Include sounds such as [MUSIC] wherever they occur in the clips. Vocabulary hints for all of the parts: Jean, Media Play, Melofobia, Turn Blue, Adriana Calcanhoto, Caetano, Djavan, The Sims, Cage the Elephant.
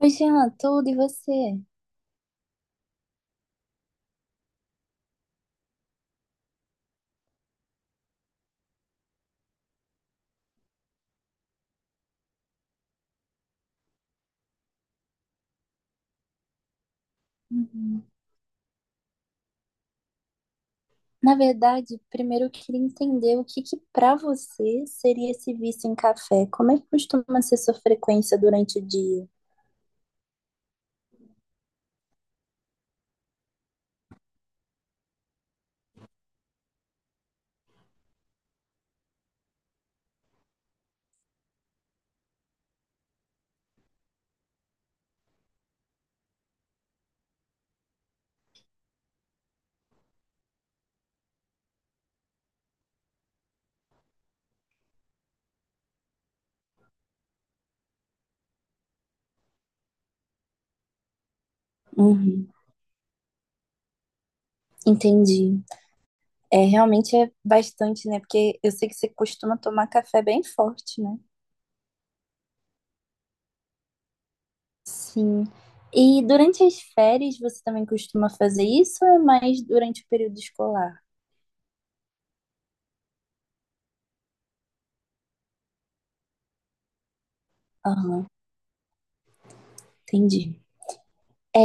Oi, Jean, tudo e você? Uhum. Na verdade, primeiro eu queria entender o que que para você seria esse vício em café? Como é que costuma ser sua frequência durante o dia? Uhum. Entendi. É, realmente é bastante, né? Porque eu sei que você costuma tomar café bem forte, né? Sim. E durante as férias você também costuma fazer isso ou é mais durante o período escolar? Aham, entendi. É,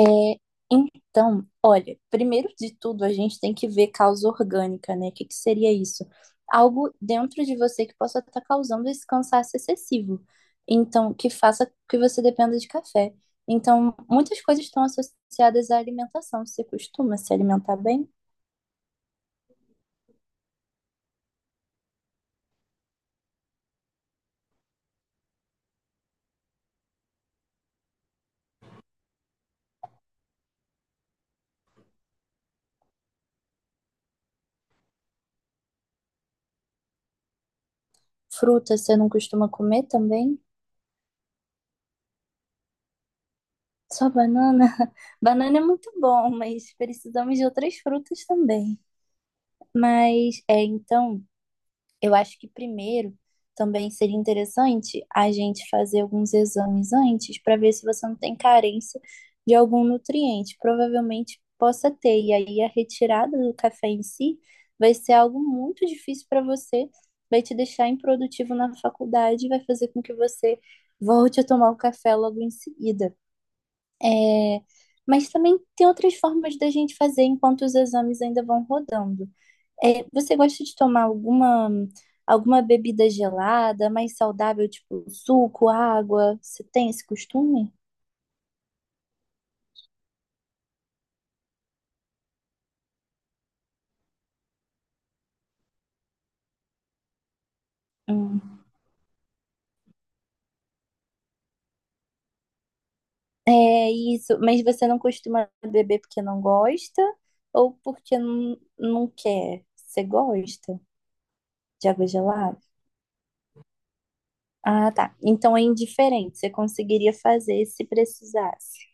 então, olha, primeiro de tudo, a gente tem que ver causa orgânica, né? O que que seria isso? Algo dentro de você que possa estar causando esse cansaço excessivo. Então, que faça que você dependa de café. Então, muitas coisas estão associadas à alimentação. Você costuma se alimentar bem? Fruta, você não costuma comer também? Só banana? [LAUGHS] Banana é muito bom, mas precisamos de outras frutas também. Mas, é, então. Eu acho que primeiro também seria interessante a gente fazer alguns exames antes para ver se você não tem carência de algum nutriente. Provavelmente possa ter, e aí a retirada do café em si vai ser algo muito difícil para você, vai te deixar improdutivo na faculdade, e vai fazer com que você volte a tomar o café logo em seguida. É, mas também tem outras formas da gente fazer enquanto os exames ainda vão rodando. É, você gosta de tomar alguma bebida gelada, mais saudável, tipo suco, água? Você tem esse costume? Hum. É isso, mas você não costuma beber porque não gosta ou porque não quer? Você gosta de água gelada? Ah, tá. Então é indiferente, você conseguiria fazer se precisasse.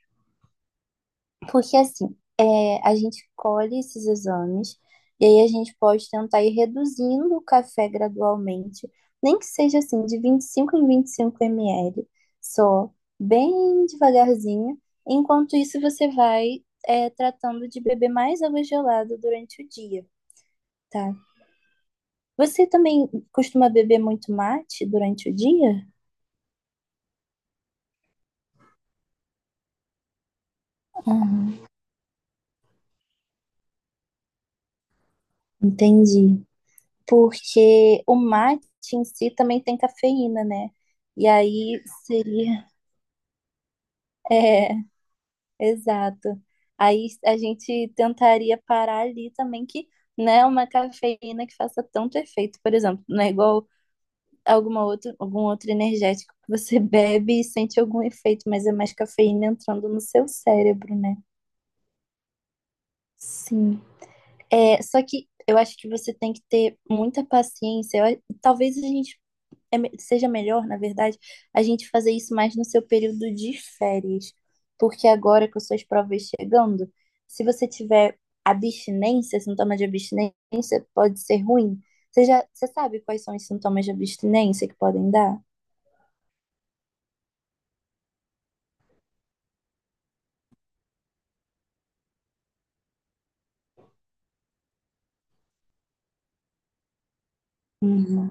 Porque assim, a gente colhe esses exames e aí a gente pode tentar ir reduzindo o café gradualmente, nem que seja assim, de 25 em 25 ml, só, bem devagarzinho. Enquanto isso, você vai, tratando de beber mais água gelada durante o dia, tá? Você também costuma beber muito mate durante o dia? Ah, entendi. Porque o mate em si também tem cafeína, né? E aí seria, [LAUGHS] é, exato. Aí a gente tentaria parar ali também que não é uma cafeína que faça tanto efeito, por exemplo, não é igual alguma outra, algum outro energético que você [LAUGHS] bebe e sente algum efeito, mas é mais cafeína entrando no seu cérebro, né? Sim. É, só que eu acho que você tem que ter muita paciência. Talvez a gente seja melhor, na verdade, a gente fazer isso mais no seu período de férias. Porque agora com suas provas chegando, se você tiver abstinência, sintoma de abstinência, pode ser ruim. Você sabe quais são os sintomas de abstinência que podem dar? Uhum,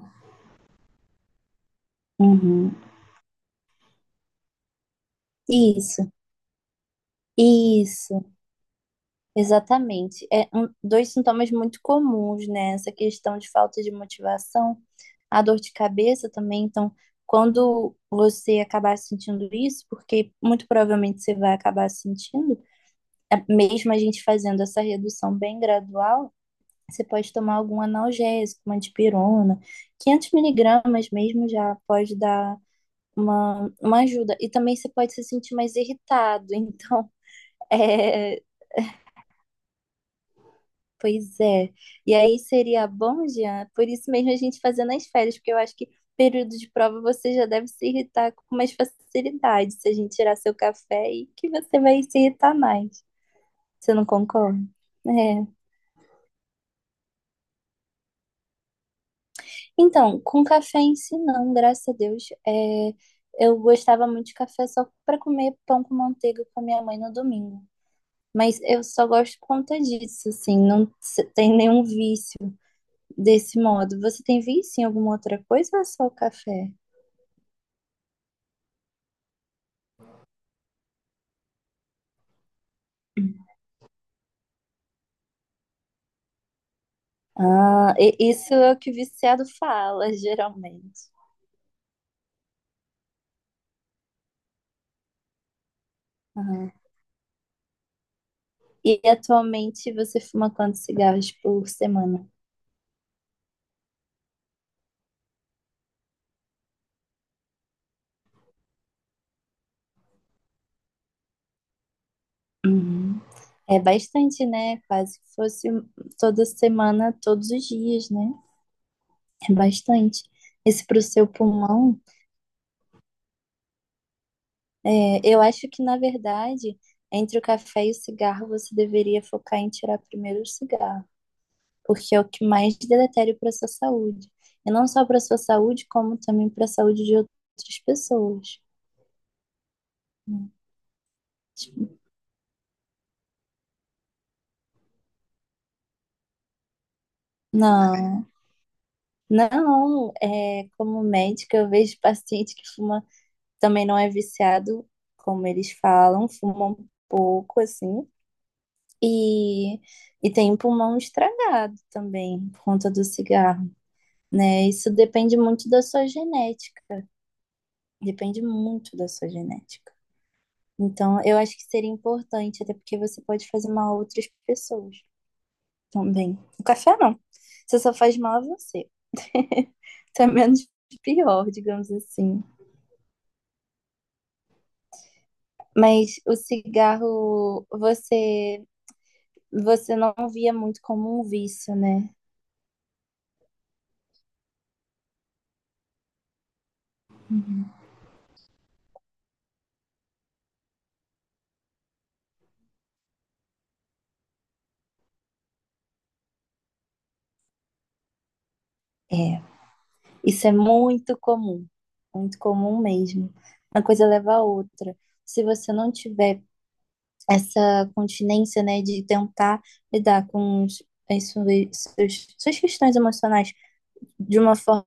uhum. Isso, isso. Exatamente. É um, dois sintomas muito comuns, né? Essa questão de falta de motivação, a dor de cabeça também. Então, quando você acabar sentindo isso, porque muito provavelmente você vai acabar sentindo, mesmo a gente fazendo essa redução bem gradual, você pode tomar algum analgésico, uma dipirona, 500 miligramas mesmo já pode dar uma ajuda. E também você pode se sentir mais irritado. [LAUGHS] Então, é, Pois é. E aí seria bom, Jean, por isso mesmo a gente fazer nas férias, porque eu acho que período de prova você já deve se irritar com mais facilidade se a gente tirar seu café e que você vai se irritar mais. Você não concorda? É. Então, com café em si não, graças a Deus. É, eu gostava muito de café só para comer pão com manteiga com a minha mãe no domingo. Mas eu só gosto por conta disso, assim, não tem nenhum vício desse modo. Você tem vício em alguma outra coisa ou é só o café? Ah, isso é o que o viciado fala, [LAUGHS] geralmente. Aham. E atualmente você fuma quantos cigarros por semana? Uhum. É bastante, né? Quase que fosse toda semana, todos os dias, né? É bastante. Isso para o seu pulmão, eu acho que, na verdade, entre o café e o cigarro, você deveria focar em tirar primeiro o cigarro. Porque é o que mais deletério para a sua saúde. E não só para a sua saúde, como também para a saúde de outras pessoas. Né? Tipo, Não, não, como médica, eu vejo paciente que fuma, também não é viciado, como eles falam, fuma um pouco assim, e, e tem um pulmão estragado também, por conta do cigarro, né? Isso depende muito da sua genética, depende muito da sua genética. Então, eu acho que seria importante, até porque você pode fazer mal a outras pessoas também. O café não. Você só faz mal a você. [LAUGHS] Então é menos pior, digamos assim. Mas o cigarro, você não via muito como um vício, né? É. Isso é muito comum. Muito comum mesmo. Uma coisa leva a outra. Se você não tiver essa continência, né, de tentar lidar com os, as suas questões emocionais de uma forma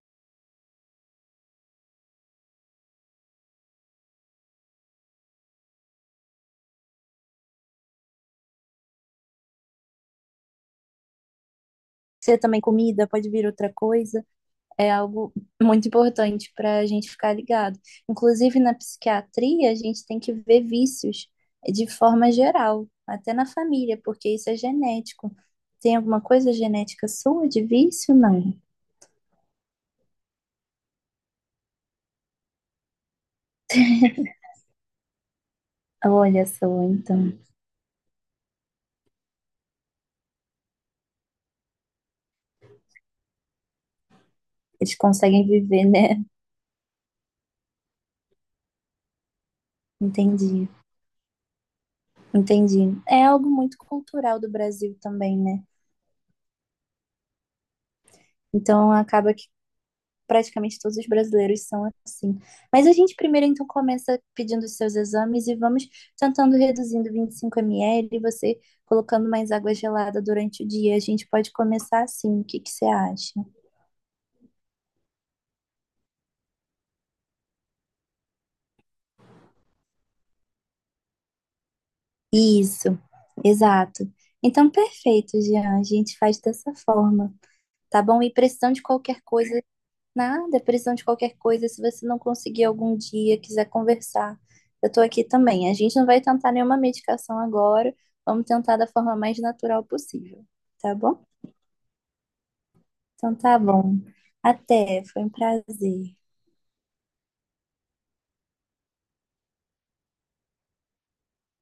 ser também comida, pode vir outra coisa, é algo muito importante para a gente ficar ligado. Inclusive, na psiquiatria, a gente tem que ver vícios de forma geral, até na família, porque isso é genético. Tem alguma coisa genética sua de vício? Não. Olha só, então. Eles conseguem viver, né? Entendi. Entendi. É algo muito cultural do Brasil também, né? Então acaba que praticamente todos os brasileiros são assim. Mas a gente primeiro então começa pedindo os seus exames e vamos tentando reduzindo 25 ml, você colocando mais água gelada durante o dia. A gente pode começar assim. O que que você acha? Isso, exato. Então perfeito, Jean. A gente faz dessa forma, tá bom? E precisando de qualquer coisa. Nada, precisando de qualquer coisa. Se você não conseguir algum dia, quiser conversar, eu tô aqui também. A gente não vai tentar nenhuma medicação agora. Vamos tentar da forma mais natural possível, tá bom? Então tá bom. Até, foi um prazer.